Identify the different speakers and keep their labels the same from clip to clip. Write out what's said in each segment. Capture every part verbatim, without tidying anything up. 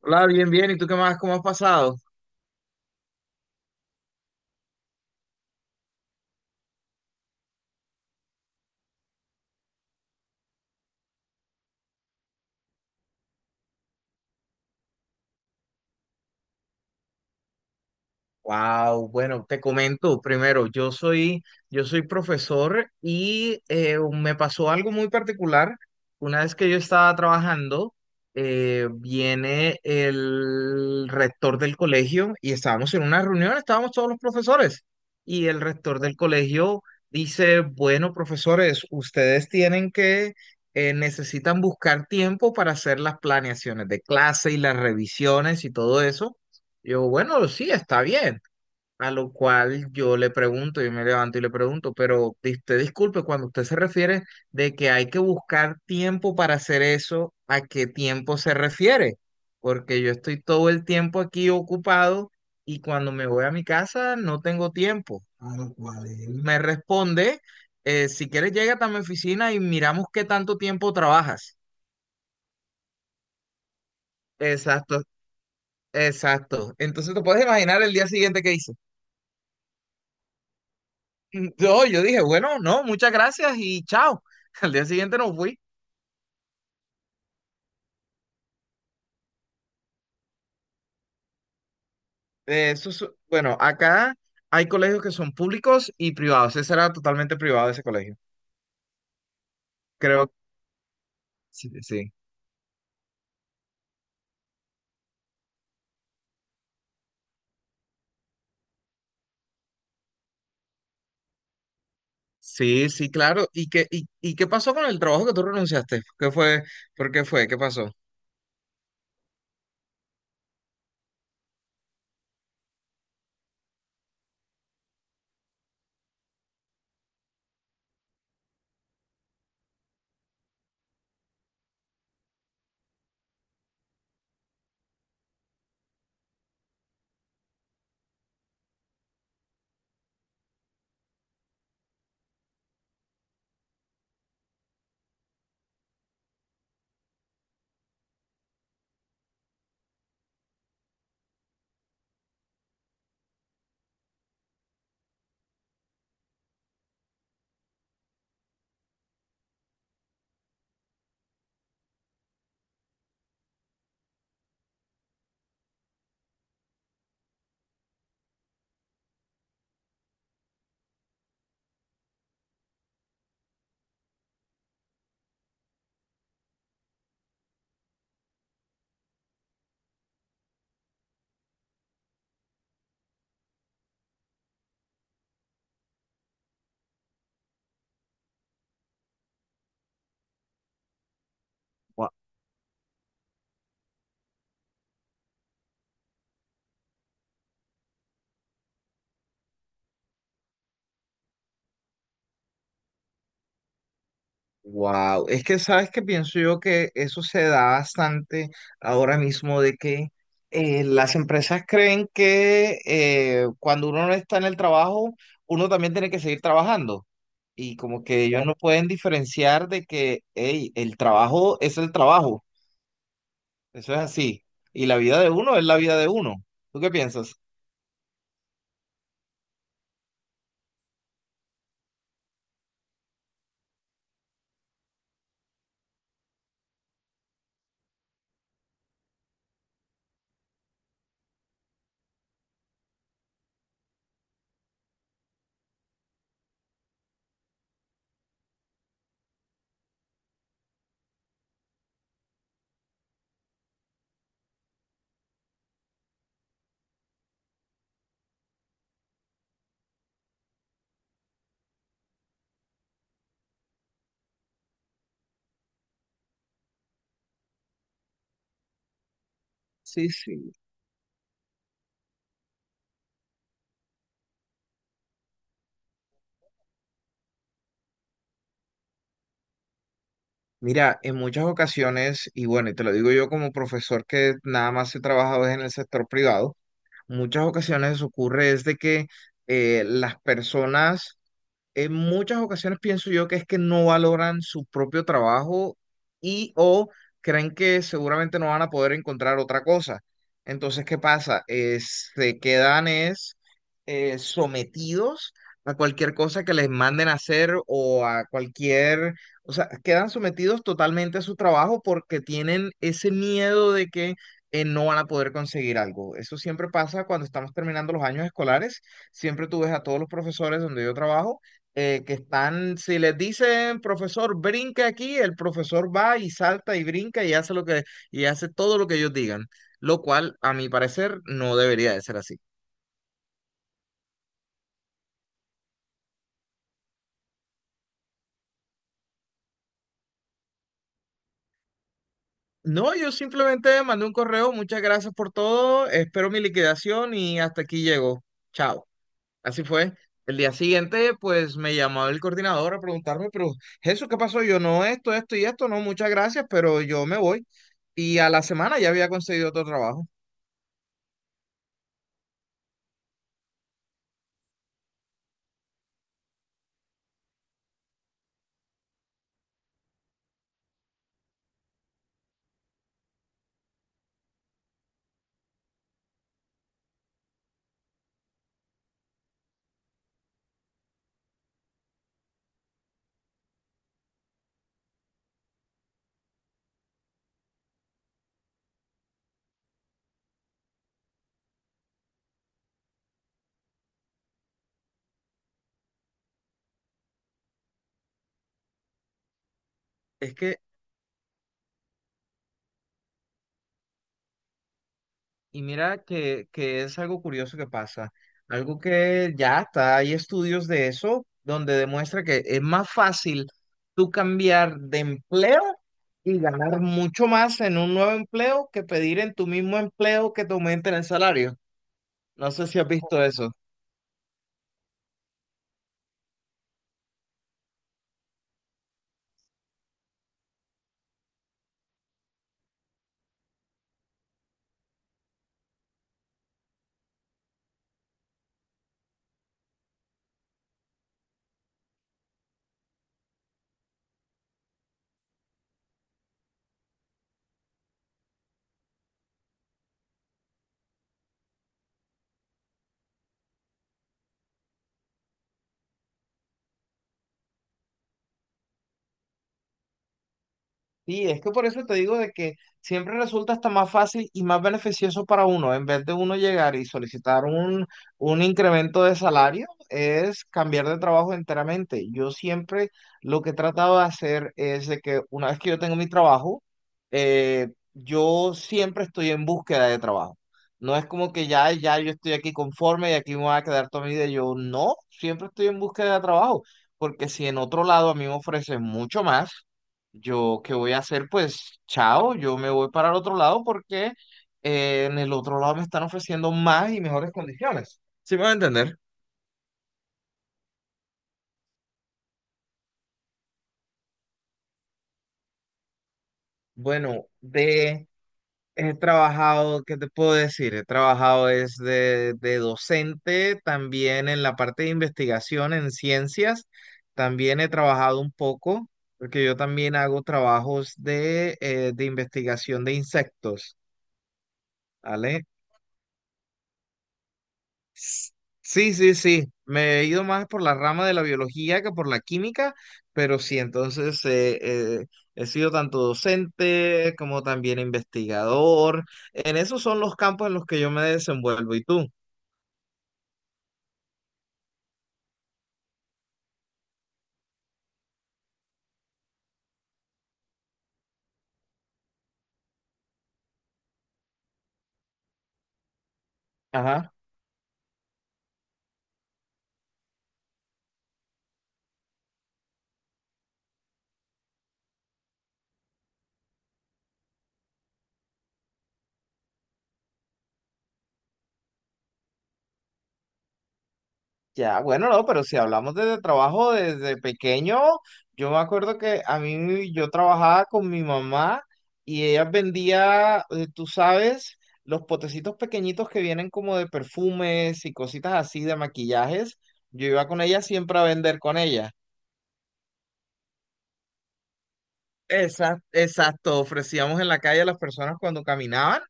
Speaker 1: Hola, bien, bien. ¿Y tú qué más? ¿Cómo has pasado? Wow, bueno, te comento primero, yo soy, yo soy profesor y eh, me pasó algo muy particular. Una vez que yo estaba trabajando, eh, viene el rector del colegio y estábamos en una reunión, estábamos todos los profesores y el rector del colegio dice, bueno, profesores, ustedes tienen que, eh, necesitan buscar tiempo para hacer las planeaciones de clase y las revisiones y todo eso. Yo, bueno, sí, está bien. A lo cual yo le pregunto, yo me levanto y le pregunto, pero dis- usted disculpe, cuando usted se refiere de que hay que buscar tiempo para hacer eso, ¿a qué tiempo se refiere? Porque yo estoy todo el tiempo aquí ocupado y cuando me voy a mi casa no tengo tiempo. A lo cual él me responde, eh, si quieres llega a mi oficina y miramos qué tanto tiempo trabajas. Exacto, exacto. Entonces te puedes imaginar el día siguiente que hice. No, yo dije, bueno, no, muchas gracias y chao. Al día siguiente no fui. Eh, eso es- bueno, acá hay colegios que son públicos y privados. Ese era totalmente privado ese colegio. Creo, sí, sí. Sí, sí, claro. ¿Y qué, y, y qué pasó con el trabajo que tú renunciaste? ¿Qué fue? ¿Por qué fue? ¿Qué pasó? Wow, es que sabes que pienso yo que eso se da bastante ahora mismo de que eh, las empresas creen que eh, cuando uno no está en el trabajo, uno también tiene que seguir trabajando. Y como que ellos no Claro. pueden diferenciar de que, hey, el trabajo es el trabajo, eso es así. Y la vida de uno es la vida de uno. ¿Tú qué piensas? Sí, sí. Mira, en muchas ocasiones, y bueno, y te lo digo yo como profesor que nada más he trabajado es en el sector privado, muchas ocasiones ocurre es de que eh, las personas en muchas ocasiones pienso yo que es que no valoran su propio trabajo y o creen que seguramente no van a poder encontrar otra cosa. Entonces, ¿qué pasa? Eh, se quedan es eh, sometidos a cualquier cosa que les manden a hacer o a cualquier, o sea, quedan sometidos totalmente a su trabajo porque tienen ese miedo de que eh, no van a poder conseguir algo. Eso siempre pasa cuando estamos terminando los años escolares. Siempre tú ves a todos los profesores donde yo trabajo eh, que están, si les dicen, profesor, brinca aquí, el profesor va y salta y brinca y hace lo que, y hace todo lo que ellos digan, lo cual, a mi parecer, no debería de ser así. No, yo simplemente mandé un correo, muchas gracias por todo, espero mi liquidación y hasta aquí llego. Chao. Así fue. El día siguiente, pues me llamó el coordinador a preguntarme, pero Jesús, ¿qué pasó? Yo no, esto, esto y esto, no, muchas gracias, pero yo me voy. Y a la semana ya había conseguido otro trabajo. Es que y mira que, que es algo curioso que pasa, algo que ya está, hay estudios de eso donde demuestra que es más fácil tú cambiar de empleo y ganar mucho más en un nuevo empleo que pedir en tu mismo empleo que te aumenten el salario. No sé si has visto eso. Sí, es que por eso te digo de que siempre resulta hasta más fácil y más beneficioso para uno, en vez de uno llegar y solicitar un, un incremento de salario, es cambiar de trabajo enteramente. Yo siempre lo que he tratado de hacer es de que una vez que yo tengo mi trabajo, eh, yo siempre estoy en búsqueda de trabajo. No es como que ya, ya yo estoy aquí conforme y aquí me voy a quedar toda mi vida. Yo no, siempre estoy en búsqueda de trabajo, porque si en otro lado a mí me ofrecen mucho más. Yo, ¿qué voy a hacer? Pues, chao, yo me voy para el otro lado porque eh, en el otro lado me están ofreciendo más y mejores condiciones. ¿Sí me va a entender? Bueno, de he trabajado, ¿qué te puedo decir? He trabajado es de, de docente, también en la parte de investigación en ciencias, también he trabajado un poco, porque yo también hago trabajos de, eh, de investigación de insectos, ¿vale? Sí, sí, sí. Me he ido más por la rama de la biología que por la química, pero sí, entonces eh, eh, he sido tanto docente como también investigador. En esos son los campos en los que yo me desenvuelvo. ¿Y tú? Ajá. Ya, bueno, no, pero si hablamos de trabajo desde pequeño, yo me acuerdo que a mí yo trabajaba con mi mamá y ella vendía, eh, tú sabes, los potecitos pequeñitos que vienen como de perfumes y cositas así de maquillajes. Yo iba con ella siempre a vender con ella. Exacto, exacto, ofrecíamos en la calle a las personas cuando caminaban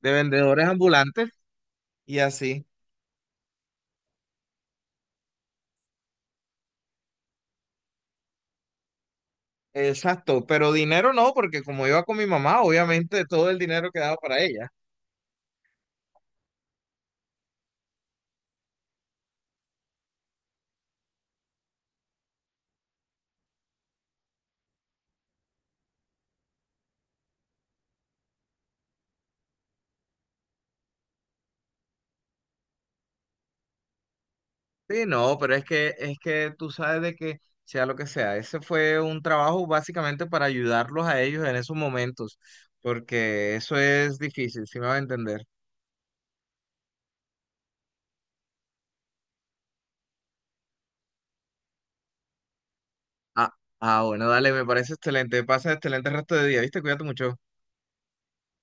Speaker 1: de vendedores ambulantes y así. Exacto, pero dinero no, porque como iba con mi mamá, obviamente todo el dinero quedaba para ella. Sí, no, pero es que, es que tú sabes de que sea lo que sea, ese fue un trabajo básicamente para ayudarlos a ellos en esos momentos, porque eso es difícil, si me va a entender. Ah, ah, bueno, dale, me parece excelente. Pasa excelente resto de día, ¿viste? Cuídate mucho.